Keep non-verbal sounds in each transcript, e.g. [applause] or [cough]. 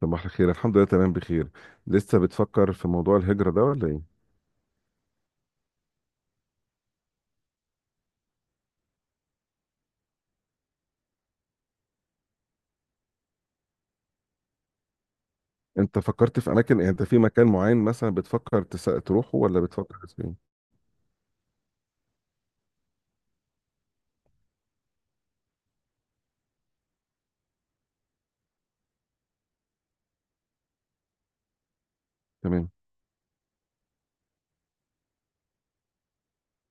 صباح الخير، الحمد لله تمام بخير. لسه بتفكر في موضوع الهجرة ده ولا ايه؟ انت فكرت في اماكن؟ يعني انت في مكان معين مثلا بتفكر تروحه ولا بتفكر في ايه؟ تمام.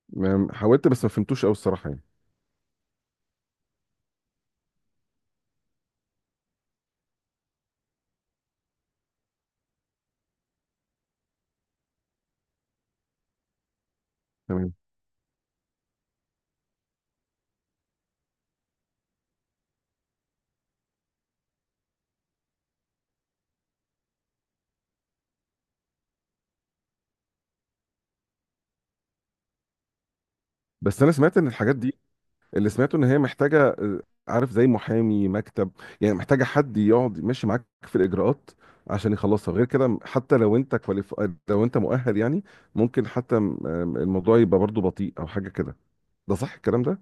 حاولت بس ما فهمتوش قوي الصراحة يعني. تمام. بس انا سمعت ان الحاجات دي، اللي سمعته ان هي محتاجة عارف، زي محامي مكتب، يعني محتاجة حد يقعد ماشي معاك في الاجراءات عشان يخلصها. غير كده حتى لو انت لو انت مؤهل يعني، ممكن حتى الموضوع يبقى برضه بطيء او حاجة كده. ده صح الكلام ده؟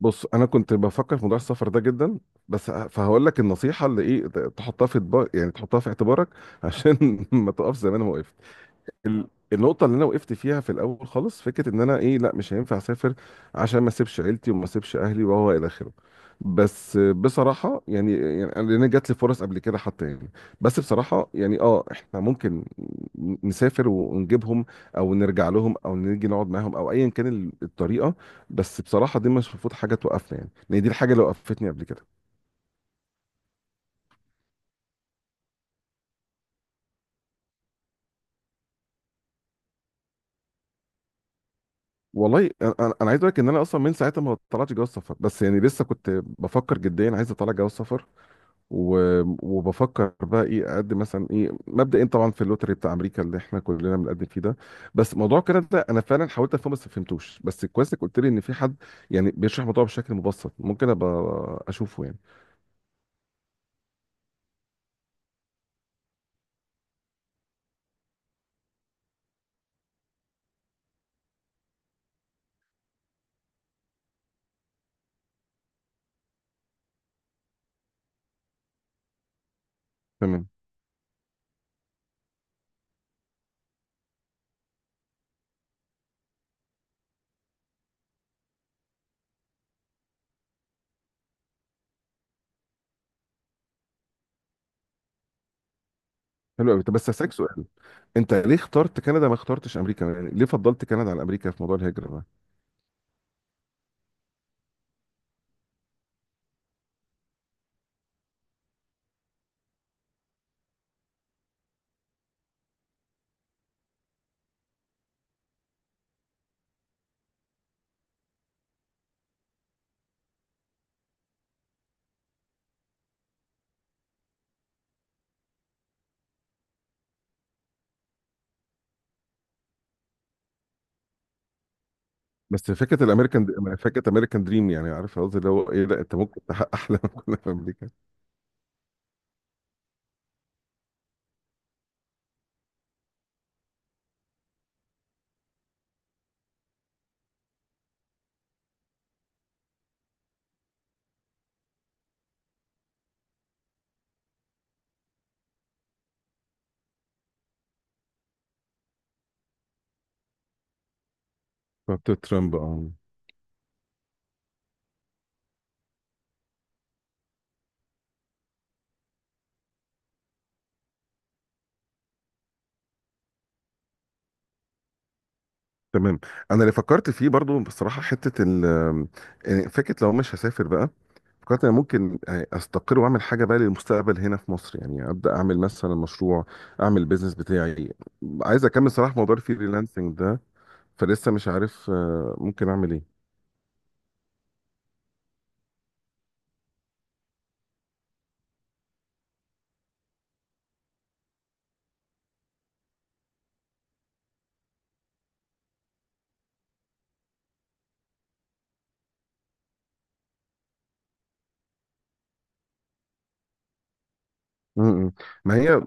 بص، انا كنت بفكر في موضوع السفر ده جدا، بس فهقول لك النصيحه اللي ايه، تحطها في يعني تحطها في اعتبارك عشان [laughs] ما تقفش زي ما انا وقفت. النقطة اللي أنا وقفت فيها في الأول خالص، فكرة إن أنا إيه، لأ مش هينفع أسافر عشان ما أسيبش عيلتي وما أسيبش أهلي وهو إلى آخره. بس بصراحة يعني، لأن جات لي فرص قبل كده حتى يعني. بس بصراحة يعني، أه، إحنا ممكن نسافر ونجيبهم، أو نرجع لهم، أو نيجي نقعد معاهم، أو أيا كان الطريقة. بس بصراحة دي مش المفروض حاجة توقفنا يعني، لأن دي الحاجة اللي وقفتني قبل كده. والله أنا، أنا عايز أقول لك إن أنا أصلا من ساعتها ما طلعتش جواز سفر، بس يعني لسه كنت بفكر جديا، عايز أطلع جواز سفر و- وبفكر بقى ايه اقدم مثلا. ايه مبدئيا؟ طبعا في اللوتري بتاع امريكا اللي احنا كلنا بنقدم فيه ده. بس موضوع كده ده انا فعلا حاولت افهمه بس ما فهمتوش. بس كويس انك قلت لي ان في حد يعني بيشرح الموضوع بشكل مبسط، ممكن ابقى اشوفه يعني. تمام. حلو قوي. طب بس هسألك سؤال، انت ليه اخترت كندا ما اخترتش امريكا؟ يعني ليه فضلت كندا عن امريكا في موضوع الهجره ده؟ بس فكره الامريكان، فكره امريكان دريم، يعني عارف قصدي اللي هو ايه؟ لا، انت ممكن تحقق احلامك كلها في امريكا. بتاعت ترامب، اه. تمام. انا اللي فكرت فيه برضو بصراحه، حته ال، يعني فكره لو مش هسافر بقى، فكرت انا ممكن استقر واعمل حاجه بقى للمستقبل هنا في مصر، يعني ابدا اعمل مثلا مشروع، اعمل بيزنس بتاعي. عايز اكمل صراحه موضوع الفريلانسنج ده، فلسه مش عارف ممكن اعمل ايه. م- م. ما هي،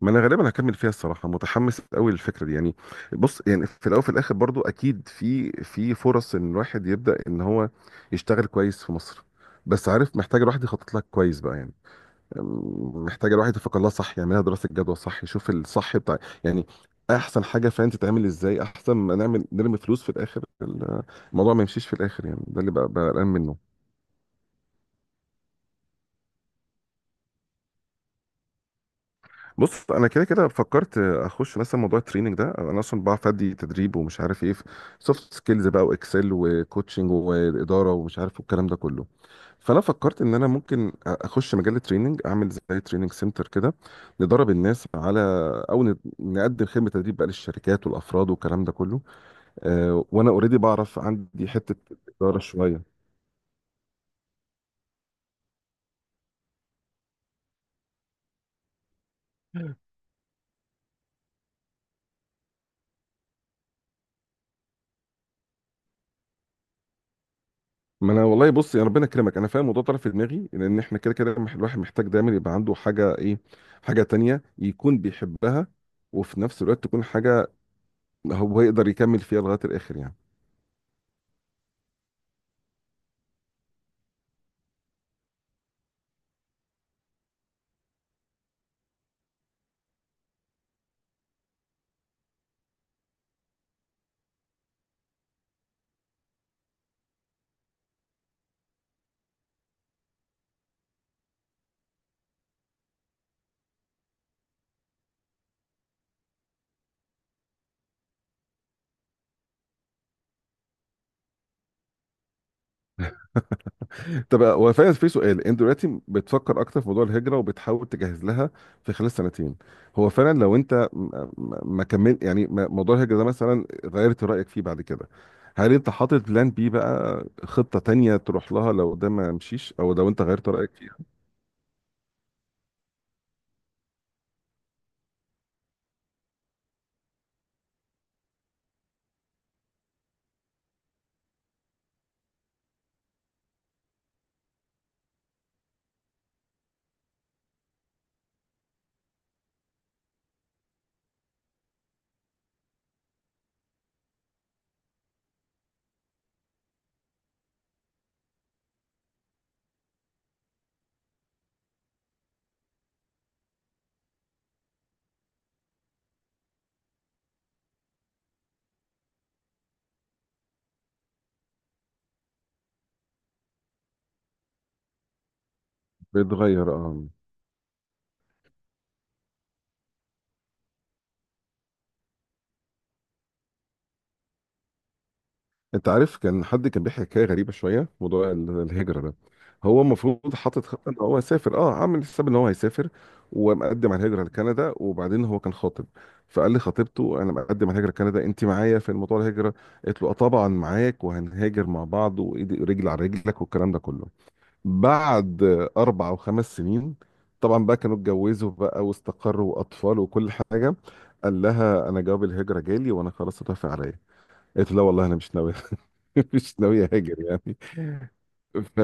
ما انا غالبا هكمل فيها الصراحه، متحمس قوي للفكره دي يعني. بص، يعني في الاول وفي الاخر برضو اكيد في فرص ان الواحد يبدا ان هو يشتغل كويس في مصر، بس عارف، محتاج الواحد يخطط لك كويس بقى يعني، محتاجه الواحد يفكر لها صح، يعملها دراسه جدوى صح، يشوف الصح بتاع يعني احسن حاجه فعلا تتعمل ازاي، احسن ما نعمل نرمي فلوس في الاخر الموضوع ما يمشيش في الاخر يعني. ده اللي بقى بقى قلقان منه. بص، انا كده كده فكرت اخش مثلا موضوع التريننج ده. انا اصلا بعرف ادي تدريب ومش عارف ايه، سوفت سكيلز بقى، واكسل، وكوتشنج، واداره، ومش عارف الكلام ده كله. فانا فكرت ان انا ممكن اخش مجال التريننج، اعمل زي تريننج سنتر كده، ندرب الناس على، او نقدم خدمه تدريب بقى للشركات والافراد والكلام ده كله. وانا اوريدي بعرف، عندي حته اداره شويه. ما انا والله بص، يا ربنا يكرمك، انا فاهم الموضوع طرف في دماغي، لان احنا كده كده الواحد محتاج دايما يبقى عنده حاجه، ايه، حاجه تانية يكون بيحبها، وفي نفس الوقت تكون حاجه هو يقدر يكمل فيها لغايه الاخر يعني. طب، هو فعلا في سؤال، انت دلوقتي بتفكر اكتر في موضوع الهجره وبتحاول تجهز لها في خلال سنتين، هو فعلا لو انت ما كمل يعني، موضوع الهجره ده مثلا غيرت رايك فيه بعد كده، هل انت حاطط بلان بي بقى، خطه تانية تروح لها لو ده ما مشيش او لو انت غيرت رايك فيها؟ بتغير، اه. انت عارف كان حد كان بيحكي حكايه غريبه شويه، موضوع الهجره ده، هو المفروض حاطط خطه ان هو يسافر، اه عامل حساب ان هو هيسافر ومقدم على الهجره لكندا، وبعدين هو كان خاطب، فقال لخطيبته انا مقدم على الهجره لكندا، انت معايا في موضوع الهجره؟ قالت له اه طبعا معاك، وهنهاجر مع بعض، وايدي رجل على رجلك، والكلام ده كله. بعد اربع او خمس سنين، طبعا بقى كانوا اتجوزوا بقى، واستقروا، واطفال، وكل حاجه، قال لها انا جواب الهجره جالي وانا خلاص اتوافق عليا. قالت له لا والله انا مش ناوي، [laughs] مش ناوي اهاجر يعني. ف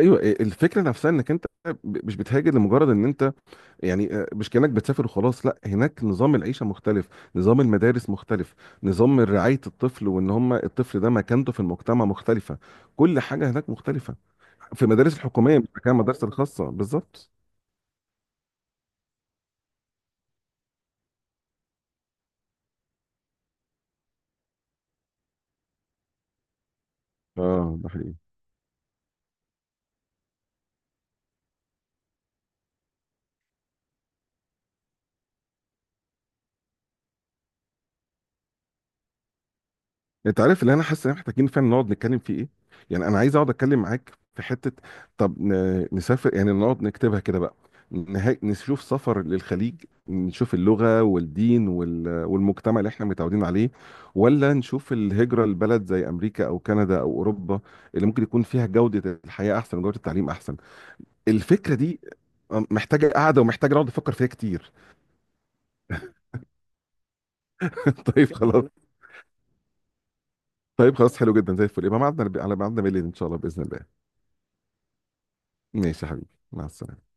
ايوه، الفكره نفسها، انك انت مش بتهاجر لمجرد ان انت يعني مش كانك بتسافر وخلاص. لا، هناك نظام العيشه مختلف، نظام المدارس مختلف، نظام رعايه الطفل وان هم الطفل ده مكانته في المجتمع مختلفه، كل حاجه هناك مختلفه. في المدارس الحكوميه، مش مكان المدارس الخاصه بالظبط. اه، ده حقيقي. انت عارف اللي انا حاسس ان احنا محتاجين فعلا نقعد نتكلم فيه ايه؟ يعني انا عايز اقعد اتكلم معاك في حته، طب نسافر يعني، نقعد نكتبها كده بقى، نشوف سفر للخليج، نشوف اللغه والدين والمجتمع اللي احنا متعودين عليه، ولا نشوف الهجره لبلد زي امريكا او كندا او اوروبا، اللي ممكن يكون فيها جوده الحياه احسن وجوده التعليم احسن. الفكره دي محتاجه قاعده، ومحتاجه نقعد نفكر فيها كتير. [laughs] طيب، خلاص. طيب خلاص، حلو جدا، زي الفل. يبقى ميعادنا على ميعادنا بالليل ان شاء الله، باذن الله. ماشي يا حبيبي، مع السلامة.